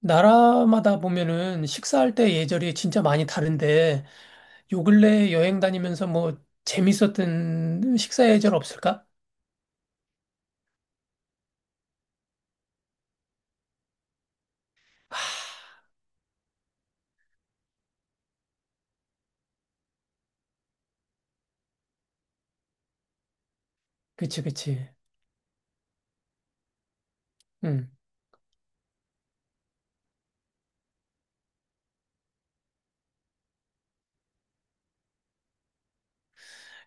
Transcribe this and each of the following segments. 나라마다 보면은 식사할 때 예절이 진짜 많이 다른데 요 근래 여행 다니면서 뭐 재밌었던 식사 예절 없을까? 그치, 그치. 응.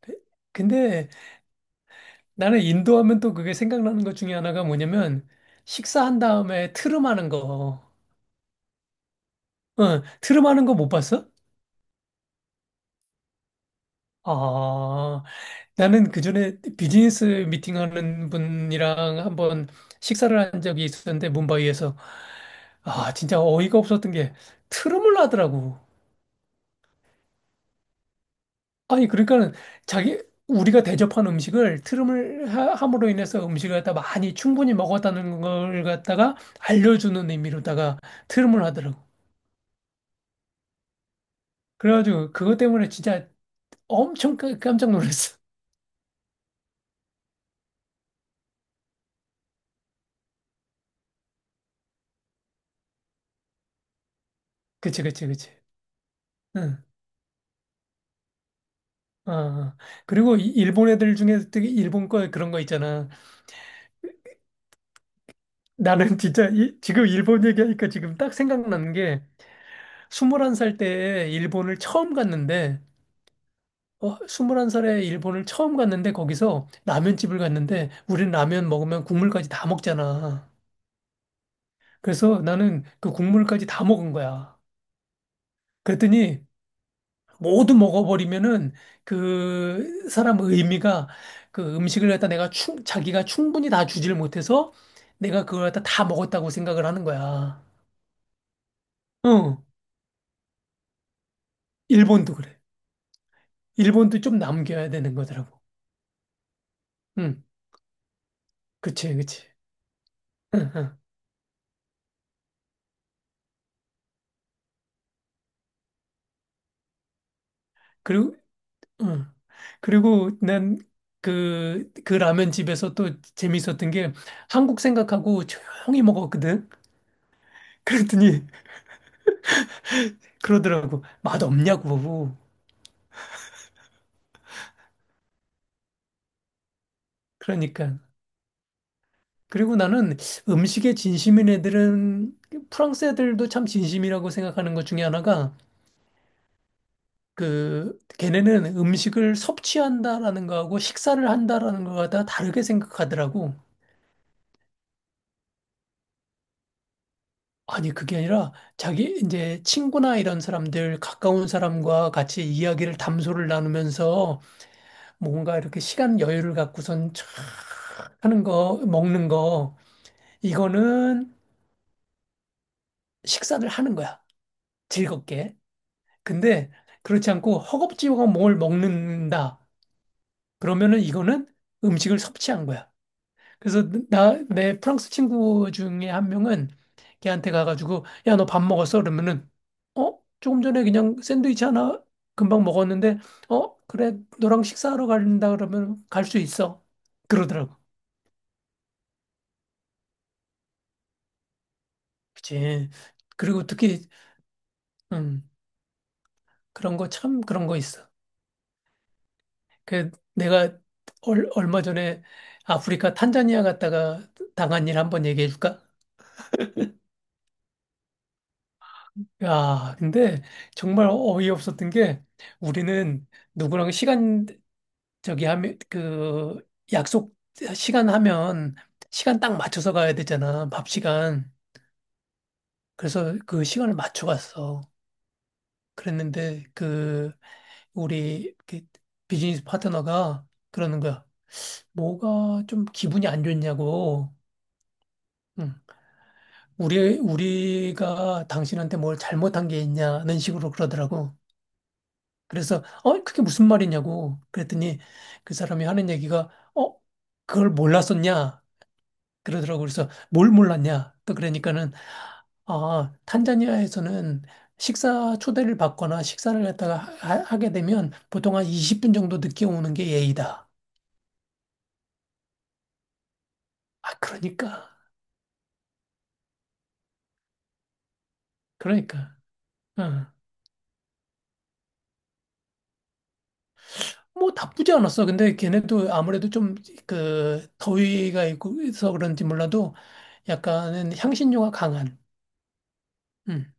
그, 근데 나는 인도 하면 또 그게 생각나는 것 중에 하나가 뭐냐면 식사한 다음에 트름하는 거. 응, 트름하는 거 못 봤어? 아, 나는 그전에 비즈니스 미팅하는 분이랑 한번 식사를 한 적이 있었는데 뭄바이에서 아 진짜 어이가 없었던 게 트름을 하더라고. 아니 그러니까는 자기 우리가 대접한 음식을 트름을 함으로 인해서 음식을 갖다 많이 충분히 먹었다는 걸 갖다가 알려주는 의미로다가 트름을 하더라고. 그래가지고 그것 때문에 진짜 엄청 깜짝 놀랐어. 그치 그치 그치. 응. 어. 어. 그리고 일본 애들 중에 되게 일본 거 그런 거 있잖아. 나는 진짜 이, 지금 일본 얘기하니까 지금 딱 생각나는 게 21살 때에 일본을 처음 갔는데 21살에 일본을 처음 갔는데 거기서 라면집을 갔는데 우린 라면 먹으면 국물까지 다 먹잖아. 그래서 나는 그 국물까지 다 먹은 거야. 그랬더니 모두 먹어버리면은 그 사람 의미가 그 음식을 갖다 내가 자기가 충분히 다 주질 못해서 내가 그걸 갖다 다 먹었다고 생각을 하는 거야. 응, 일본도 그래. 일본도 좀 남겨야 되는 거더라고. 응, 그치, 그치. 응, 응. 그리고, 응. 그리고 난 그 라면 집에서 또 재밌었던 게 한국 생각하고 조용히 먹었거든. 그랬더니 그러더라고. 맛 없냐고. 그러니까. 그리고 나는 음식에 진심인 애들은 프랑스 애들도 참 진심이라고 생각하는 것 중에 하나가 그 걔네는 음식을 섭취한다라는 거하고 식사를 한다라는 거가 다 다르게 생각하더라고. 아니, 그게 아니라 자기 이제 친구나 이런 사람들, 가까운 사람과 같이 이야기를 담소를 나누면서 뭐 뭔가 이렇게 시간 여유를 갖고선 촥 하는 거, 먹는 거, 이거는 식사를 하는 거야. 즐겁게. 근데 그렇지 않고 허겁지겁 뭘 먹는다. 그러면은 이거는 음식을 섭취한 거야. 그래서 내 프랑스 친구 중에 한 명은 걔한테 가가지고, 야, 너 밥 먹었어? 그러면은, 어? 조금 전에 그냥 샌드위치 하나 금방 먹었는데, 어? 그래, 너랑 식사하러 간다 그러면 갈 수 있어. 그러더라고. 그치. 그리고 특히, 음, 그런 거 참 그런 거 있어. 그, 내가 얼마 전에 아프리카 탄자니아 갔다가 당한 일 한번 얘기해 줄까? 야, 근데 정말 어이없었던 게 우리는 누구랑 시간 저기 하면 그 약속 시간 하면 시간 딱 맞춰서 가야 되잖아. 밥 시간. 그래서 그 시간을 맞춰 갔어. 그랬는데 그 우리 그 비즈니스 파트너가 그러는 거야. 뭐가 좀 기분이 안 좋냐고. 응. 우리가 당신한테 뭘 잘못한 게 있냐는 식으로 그러더라고. 그래서 어 그게 무슨 말이냐고 그랬더니 그 사람이 하는 얘기가 어 그걸 몰랐었냐? 그러더라고. 그래서 뭘 몰랐냐? 또 그러니까는 아, 탄자니아에서는 식사 초대를 받거나 식사를 갖다가 하게 되면 보통 한 20분 정도 늦게 오는 게 예의다. 아, 그러니까. 그러니까. 응. 뭐 나쁘지 않았어. 근데 걔네도 아무래도 좀 그 더위가 있고 해서 그런지 몰라도 약간은 향신료가 강한 음.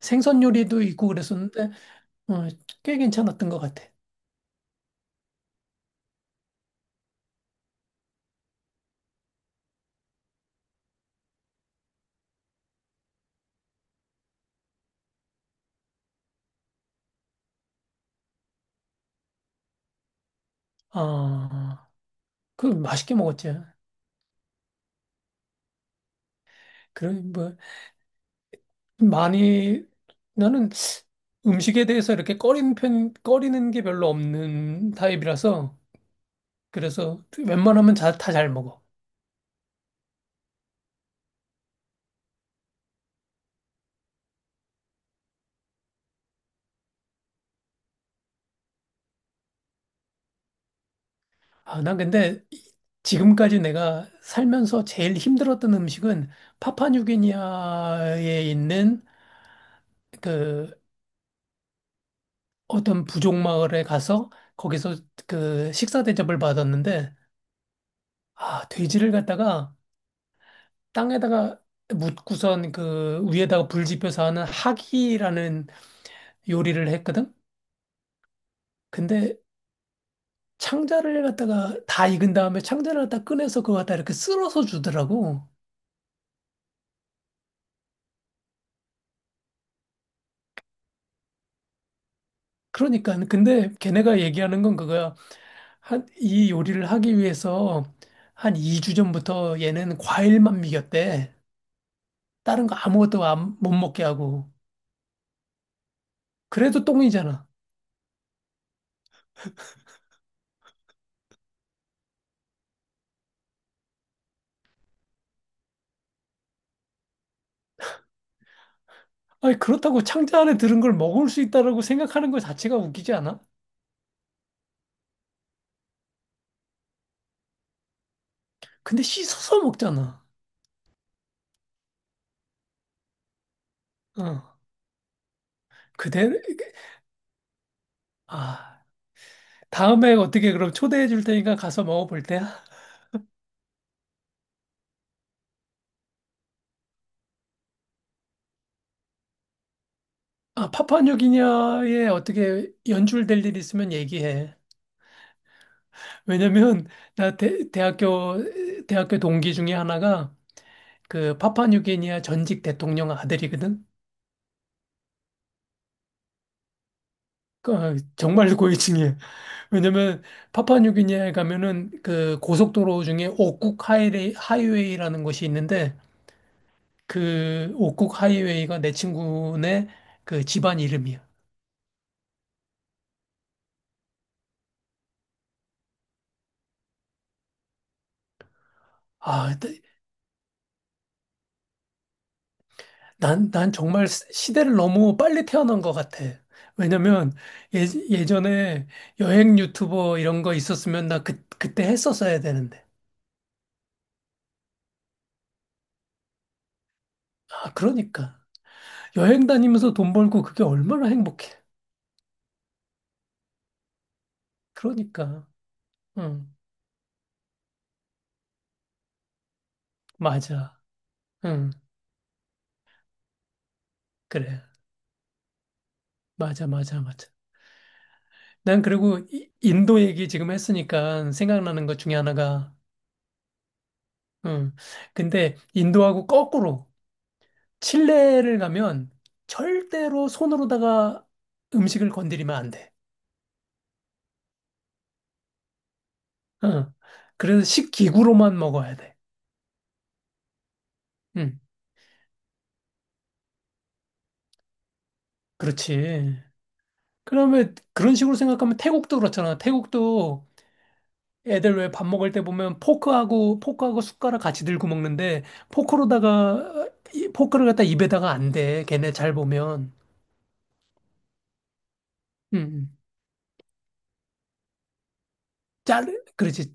생선 요리도 있고 그랬었는데 어, 꽤 괜찮았던 것 같아. 아, 그 맛있게 먹었지. 그럼 뭐 많이 나는 음식에 대해서 이렇게 꺼리는 편, 꺼리는 게 별로 없는 타입이라서 그래서 웬만하면 다 잘 먹어. 아, 난 근데 지금까지 내가 살면서 제일 힘들었던 음식은 파파뉴기니아에 있는 그 어떤 부족 마을에 가서 거기서 그 식사 대접을 받았는데 아, 돼지를 갖다가 땅에다가 묻고선 그 위에다가 불 지펴서 하는 하기라는 요리를 했거든? 근데 창자를 갖다가 다 익은 다음에 창자를 갖다 꺼내서 그거 갖다 이렇게 쓸어서 주더라고. 그러니까 근데 걔네가 얘기하는 건 그거야. 한 이 요리를 하기 위해서 한 2주 전부터 얘는 과일만 먹였대. 다른 거 아무것도 안, 못 먹게 하고. 그래도 똥이잖아. 아니 그렇다고 창자 안에 들은 걸 먹을 수 있다라고 생각하는 것 자체가 웃기지 않아? 근데 씻어서 먹잖아. 어. 그대 아. 다음에 어떻게 그럼 초대해 줄 테니까 가서 먹어볼 때야? 아, 파푸아뉴기니아에 어떻게 연출될 일 있으면 얘기해. 왜냐면 나 대학교 동기 중에 하나가 그 파푸아뉴기니아 전직 대통령 아들이거든. 그 정말 고위층이야. 왜냐면 파푸아뉴기니아에 가면은 그 고속도로 중에 오쿡 하이웨이, 하이웨이라는 곳이 있는데 그 오쿡 하이웨이가 내 친구네 그 집안 이름이야. 아, 난 정말 시대를 너무 빨리 태어난 것 같아. 왜냐면 예, 예전에 여행 유튜버 이런 거 있었으면 나 그, 그때 했었어야 되는데. 아, 그러니까. 여행 다니면서 돈 벌고 그게 얼마나 행복해. 그러니까. 응, 맞아. 응, 그래. 맞아, 맞아, 맞아. 난 그리고 인도 얘기 지금 했으니까 생각나는 것 중에 하나가, 응. 근데 인도하고 거꾸로. 칠레를 가면 절대로 손으로다가 음식을 건드리면 안 돼. 어. 그래서 식기구로만 먹어야 돼. 응, 그렇지. 그러면 그런 식으로 생각하면 태국도 그렇잖아. 태국도 애들 왜 밥 먹을 때 보면 포크하고 숟가락 같이 들고 먹는데 포크로다가 포크를 갖다 입에다가 안 돼. 걔네 잘 보면. 응, 응. 자르 그렇지.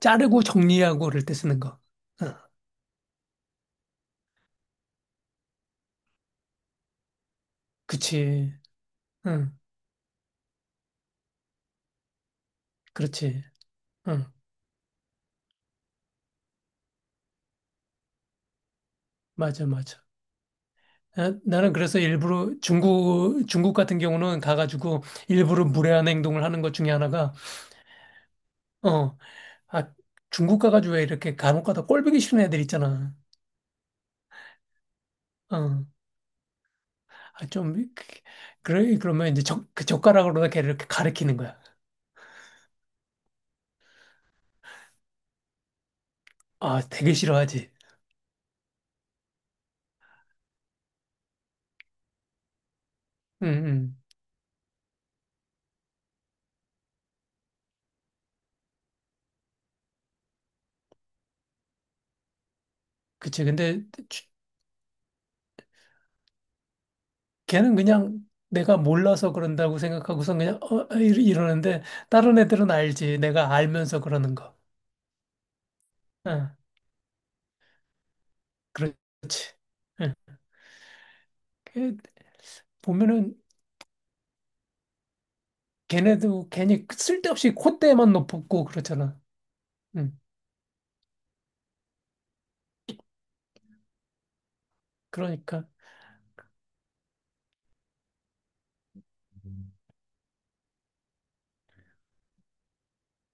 자르고 정리하고 그럴 때 쓰는 거. 어. 그치. 응. 그렇지. 응. 맞아, 맞아. 나는 그래서 일부러 중국 같은 경우는 가가지고 일부러 무례한 행동을 하는 것 중에 하나가, 어, 아, 중국 가가지고 왜 이렇게 간혹 가다 꼴보기 싫은 애들 있잖아. 어, 아, 좀, 그래, 그러면 이제 그 젓가락으로다 걔를 이렇게 가리키는 거야. 아, 되게 싫어하지. 응, 응. 그치. 근데 주- 걔는 그냥 내가 몰라서 그런다고 생각하고선 그냥, 어, 어, 이러는데, 다른 애들은 알지. 내가 알면서 그러는 거. 응, 그렇지. 응. 걔 보면은 걔네도 괜히 쓸데없이 콧대만 높고 그렇잖아. 응. 그러니까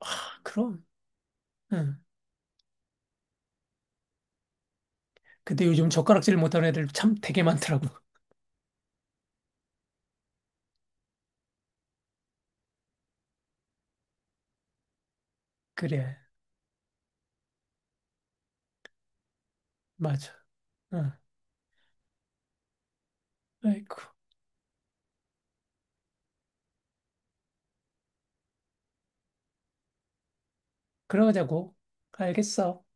아, 그럼. 응. 근데 요즘 젓가락질 못하는 애들 참 되게 많더라고. 그래, 맞아. 응. 아이고, 그러자고. 알겠어.